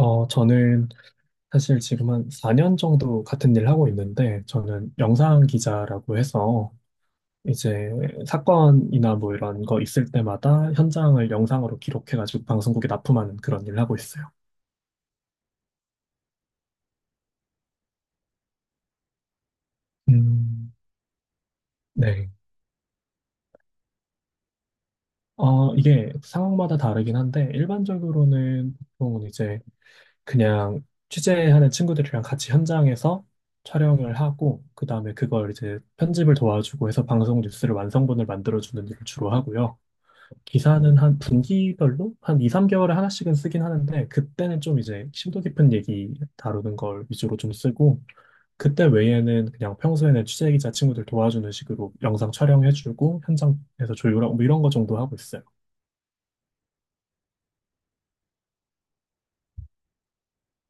저는 사실 지금 한 4년 정도 같은 일 하고 있는데, 저는 영상 기자라고 해서 이제 사건이나 뭐 이런 거 있을 때마다 현장을 영상으로 기록해가지고 방송국에 납품하는 그런 일을 하고 있어요. 음, 네. 이게 상황마다 다르긴 한데, 일반적으로는 보통은 이제 그냥 취재하는 친구들이랑 같이 현장에서 촬영을 하고, 그 다음에 그걸 이제 편집을 도와주고 해서 방송 뉴스를 완성본을 만들어주는 일을 주로 하고요. 기사는 한 분기별로 한 2, 3개월에 하나씩은 쓰긴 하는데, 그때는 좀 이제 심도 깊은 얘기 다루는 걸 위주로 좀 쓰고, 그때 외에는 그냥 평소에는 취재 기자 친구들 도와주는 식으로 영상 촬영해주고 현장에서 조율하고 뭐 이런 거 정도 하고 있어요.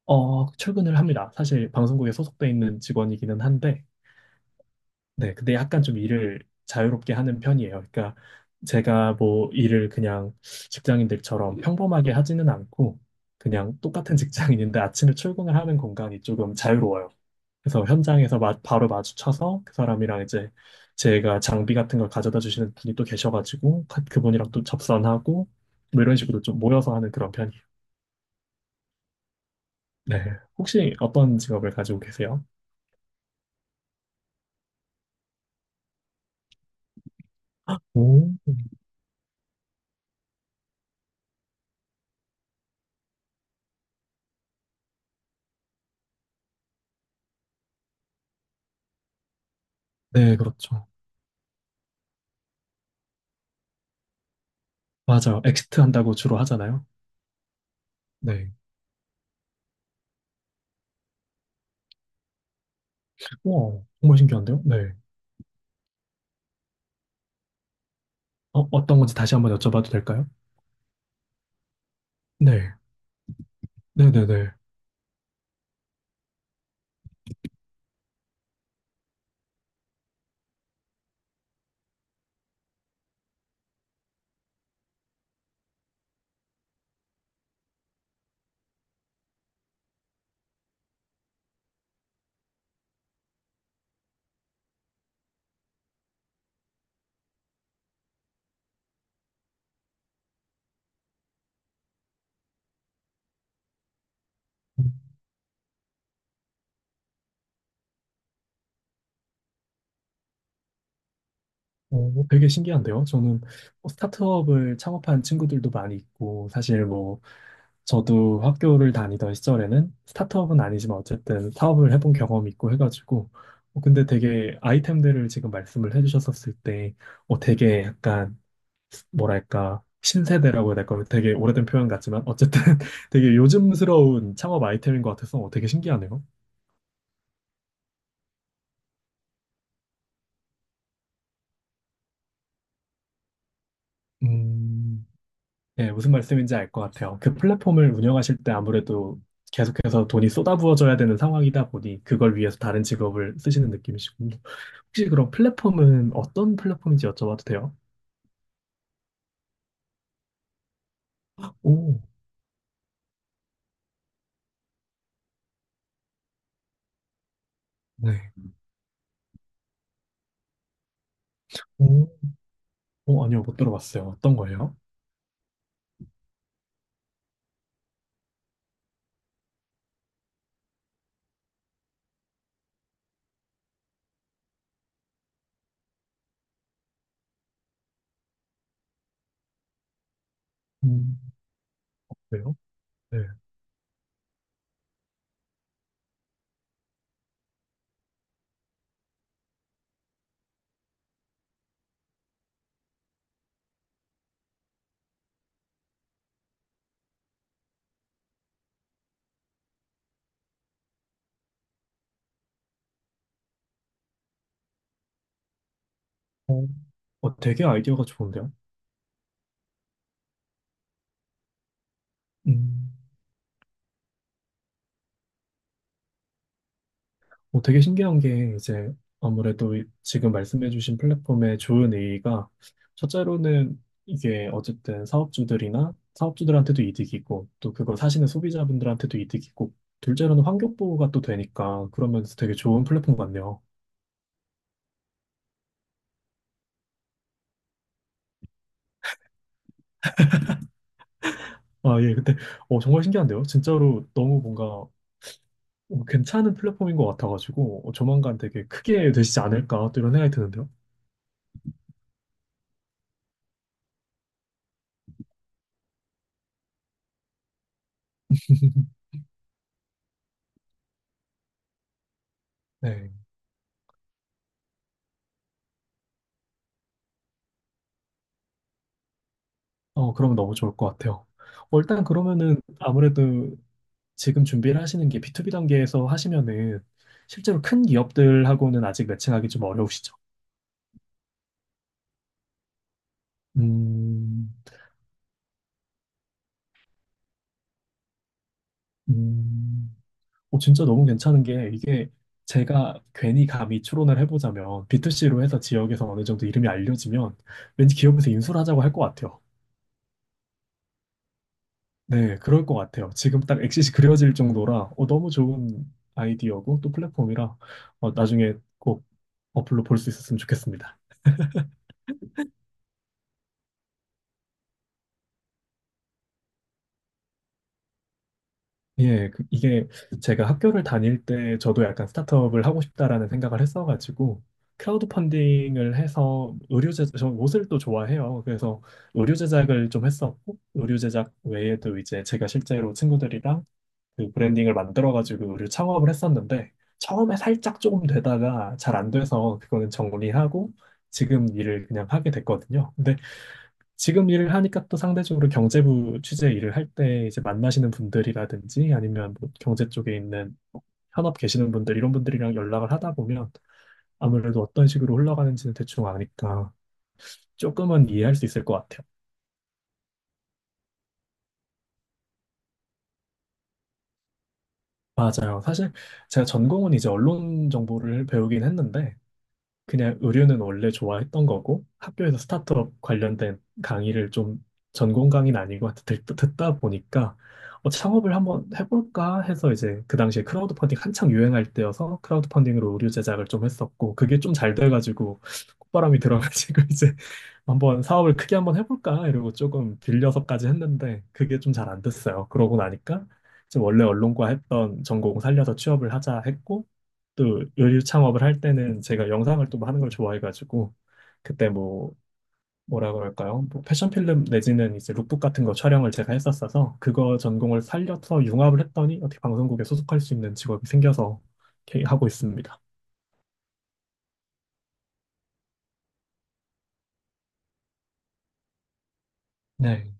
출근을 합니다. 사실 방송국에 소속돼 있는 직원이기는 한데, 네, 근데 약간 좀 일을 자유롭게 하는 편이에요. 그러니까 제가 뭐 일을 그냥 직장인들처럼 평범하게 하지는 않고, 그냥 똑같은 직장인인데 아침에 출근을 하는 공간이 조금 자유로워요. 그래서 현장에서 바로 마주쳐서 그 사람이랑 이제, 제가 장비 같은 걸 가져다 주시는 분이 또 계셔가지고 그분이랑 또 접선하고, 뭐 이런 식으로 좀 모여서 하는 그런 편이에요. 네. 혹시 어떤 직업을 가지고 계세요? 오. 네, 그렇죠. 맞아요. 엑시트 한다고 주로 하잖아요. 네. 와, 정말 신기한데요? 네. 어떤 건지 다시 한번 여쭤봐도 될까요? 네. 네네네. 뭐 되게 신기한데요? 저는 뭐 스타트업을 창업한 친구들도 많이 있고, 사실 뭐, 저도 학교를 다니던 시절에는 스타트업은 아니지만 어쨌든 사업을 해본 경험이 있고 해가지고, 근데 되게 아이템들을 지금 말씀을 해주셨었을 때, 되게 약간, 뭐랄까, 신세대라고 해야 될까요? 되게 오래된 표현 같지만, 어쨌든 되게 요즘스러운 창업 아이템인 것 같아서 되게 신기하네요. 음, 네, 무슨 말씀인지 알 것 같아요. 그 플랫폼을 운영하실 때 아무래도 계속해서 돈이 쏟아부어져야 되는 상황이다 보니, 그걸 위해서 다른 직업을 쓰시는 느낌이시군요. 혹시 그럼 플랫폼은 어떤 플랫폼인지 여쭤봐도 돼요? 오, 네. 오, 오, 아니요, 못 들어봤어요. 어떤 거예요? 음. 왜요? 네. 어, 되게 아이디어가 좋은데요? 음. 되게 신기한 게 이제, 아무래도 지금 말씀해주신 플랫폼의 좋은 의의가, 첫째로는 이게 어쨌든 사업주들이나 사업주들한테도 이득이고 또 그걸 사시는 소비자분들한테도 이득이고, 둘째로는 환경 보호가 또 되니까, 그러면서 되게 좋은 플랫폼 같네요. 아, 예. 근데 정말 신기한데요? 진짜로 너무 뭔가 괜찮은 플랫폼인 것 같아가지고, 조만간 되게 크게 되시지 않을까 또 이런 생각이 드는데요. 네. 그러면 너무 좋을 것 같아요. 일단 그러면은 아무래도 지금 준비를 하시는 게 B2B 단계에서 하시면은 실제로 큰 기업들하고는 아직 매칭하기 좀 어려우시죠? 음, 음. 진짜 너무 괜찮은 게 이게, 제가 괜히 감히 추론을 해보자면 B2C로 해서 지역에서 어느 정도 이름이 알려지면 왠지 기업에서 인수를 하자고 할 것 같아요. 네, 그럴 것 같아요. 지금 딱 엑싯이 그려질 정도라 너무 좋은 아이디어고 또 플랫폼이라, 나중에 꼭 어플로 볼 수 있었으면 좋겠습니다. 예, 이게, 제가 학교를 다닐 때 저도 약간 스타트업을 하고 싶다라는 생각을 했어가지고 크라우드 펀딩을 해서 의류 제작, 저 옷을 또 좋아해요. 그래서 의류 제작을 좀 했었고, 의류 제작 외에도 이제 제가 실제로 친구들이랑 그 브랜딩을 만들어가지고 의류 창업을 했었는데, 처음에 살짝 조금 되다가 잘 안 돼서 그거는 정리하고 지금 일을 그냥 하게 됐거든요. 근데 지금 일을 하니까 또 상대적으로 경제부 취재 일을 할 때 이제 만나시는 분들이라든지, 아니면 뭐 경제 쪽에 있는 현업 계시는 분들 이런 분들이랑 연락을 하다 보면, 아무래도 어떤 식으로 흘러가는지는 대충 아니까 조금은 이해할 수 있을 것 같아요. 맞아요. 사실 제가 전공은 이제 언론 정보를 배우긴 했는데, 그냥 의류는 원래 좋아했던 거고, 학교에서 스타트업 관련된 강의를 좀, 전공 강의는 아니고 하여튼 듣다 보니까 창업을 한번 해볼까 해서 이제, 그 당시에 크라우드 펀딩 한창 유행할 때여서 크라우드 펀딩으로 의류 제작을 좀 했었고, 그게 좀 잘 돼가지고 콧바람이 들어가지고 이제 한번 사업을 크게 한번 해볼까 이러고 조금 빌려서까지 했는데, 그게 좀 잘 안 됐어요. 그러고 나니까 이제 원래 언론과 했던 전공 살려서 취업을 하자 했고, 또 요리 창업을 할 때는 제가 영상을 또 하는 걸 좋아해가지고, 그때 뭐, 뭐라고 할까요? 뭐 패션 필름 내지는 이제 룩북 같은 거 촬영을 제가 했었어서, 그거 전공을 살려서 융합을 했더니 어떻게 방송국에 소속할 수 있는 직업이 생겨서 이렇게 하고 있습니다. 네.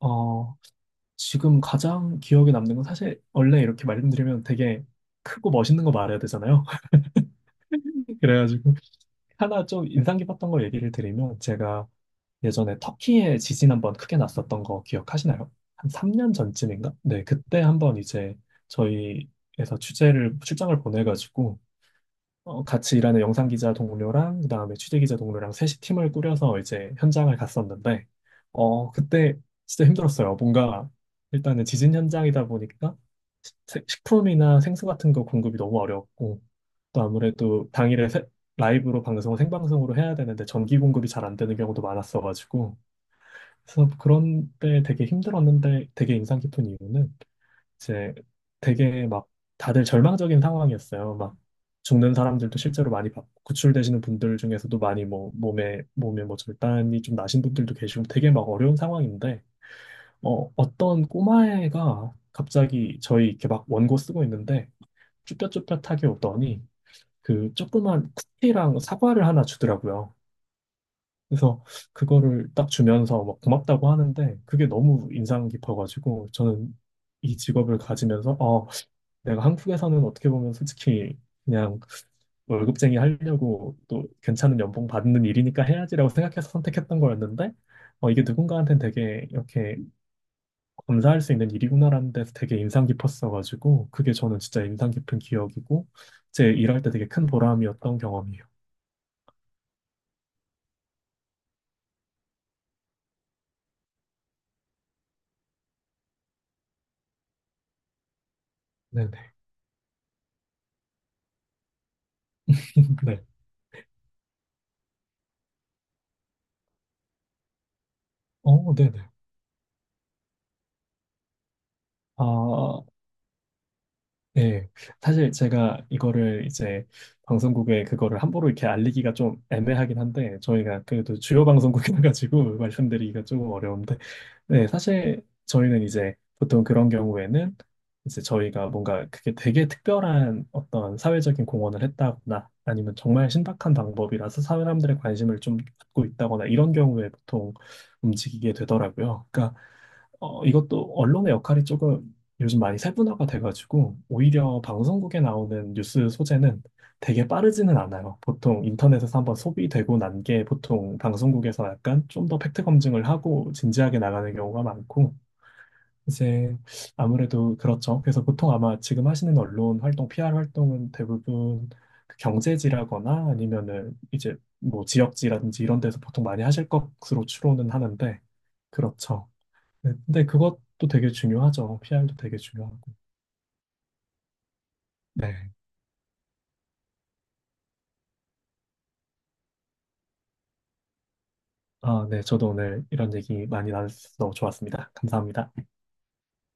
어, 지금 가장 기억에 남는 건, 사실 원래 이렇게 말씀드리면 되게 크고 멋있는 거 말해야 되잖아요. 그래가지고 하나 좀 인상 깊었던 거 얘기를 드리면, 제가 예전에 터키에 지진 한번 크게 났었던 거 기억하시나요? 한 3년 전쯤인가? 네, 그때 한번 이제 저희에서 취재를 출장을 보내가지고, 같이 일하는 영상 기자 동료랑 그다음에 취재 기자 동료랑 셋이 팀을 꾸려서 이제 현장을 갔었는데, 그때 진짜 힘들었어요. 뭔가 일단은 지진 현장이다 보니까 식품이나 생수 같은 거 공급이 너무 어려웠고, 또 아무래도 당일에 라이브로 방송 생방송으로 해야 되는데 전기 공급이 잘 안 되는 경우도 많았어가지고, 그래서 그런 때 되게 힘들었는데, 되게 인상 깊은 이유는 이제, 되게 막 다들 절망적인 상황이었어요. 막 죽는 사람들도 실제로 많이 봤고, 구출되시는 분들 중에서도 많이 뭐 몸에 뭐 절단이 좀 나신 분들도 계시고, 되게 막 어려운 상황인데, 어떤 꼬마애가 갑자기 저희 이렇게 막 원고 쓰고 있는데 쭈뼛쭈뼛하게 오더니 그 조그만 쿠키랑 사과를 하나 주더라고요. 그래서 그거를 딱 주면서 막 고맙다고 하는데, 그게 너무 인상 깊어가지고 저는 이 직업을 가지면서 내가 한국에서는 어떻게 보면 솔직히 그냥 월급쟁이 하려고, 또 괜찮은 연봉 받는 일이니까 해야지라고 생각해서 선택했던 거였는데, 이게 누군가한테는 되게 이렇게 감사할 수 있는 일이구나라는 데서 되게 인상 깊었어가지고, 그게 저는 진짜 인상 깊은 기억이고 제 일할 때 되게 큰 보람이었던 경험이에요. 네네. 네. 어, 네네. 아, 네, 사실 제가 이거를 이제 방송국에 그거를 함부로 이렇게 알리기가 좀 애매하긴 한데, 저희가 그래도 주요 방송국이라 가지고 말씀드리기가 조금 어려운데, 네, 사실 저희는 이제 보통 그런 경우에는, 이제 저희가 뭔가 그게 되게 특별한 어떤 사회적인 공헌을 했다거나, 아니면 정말 신박한 방법이라서 사회 사람들의 관심을 좀 받고 있다거나 이런 경우에 보통 움직이게 되더라고요. 그러니까 이것도 언론의 역할이 조금 요즘 많이 세분화가 돼가지고, 오히려 방송국에 나오는 뉴스 소재는 되게 빠르지는 않아요. 보통 인터넷에서 한번 소비되고 난 게 보통 방송국에서 약간 좀 더 팩트 검증을 하고 진지하게 나가는 경우가 많고, 이제 아무래도 그렇죠. 그래서 보통 아마 지금 하시는 언론 활동, PR 활동은 대부분 그 경제지라거나 아니면은 이제 뭐 지역지라든지 이런 데서 보통 많이 하실 것으로 추론은 하는데, 그렇죠. 네, 근데 그것도 되게 중요하죠. PR도 되게 중요하고. 네. 아, 네. 저도 오늘 이런 얘기 많이 나눠서 좋았습니다. 감사합니다.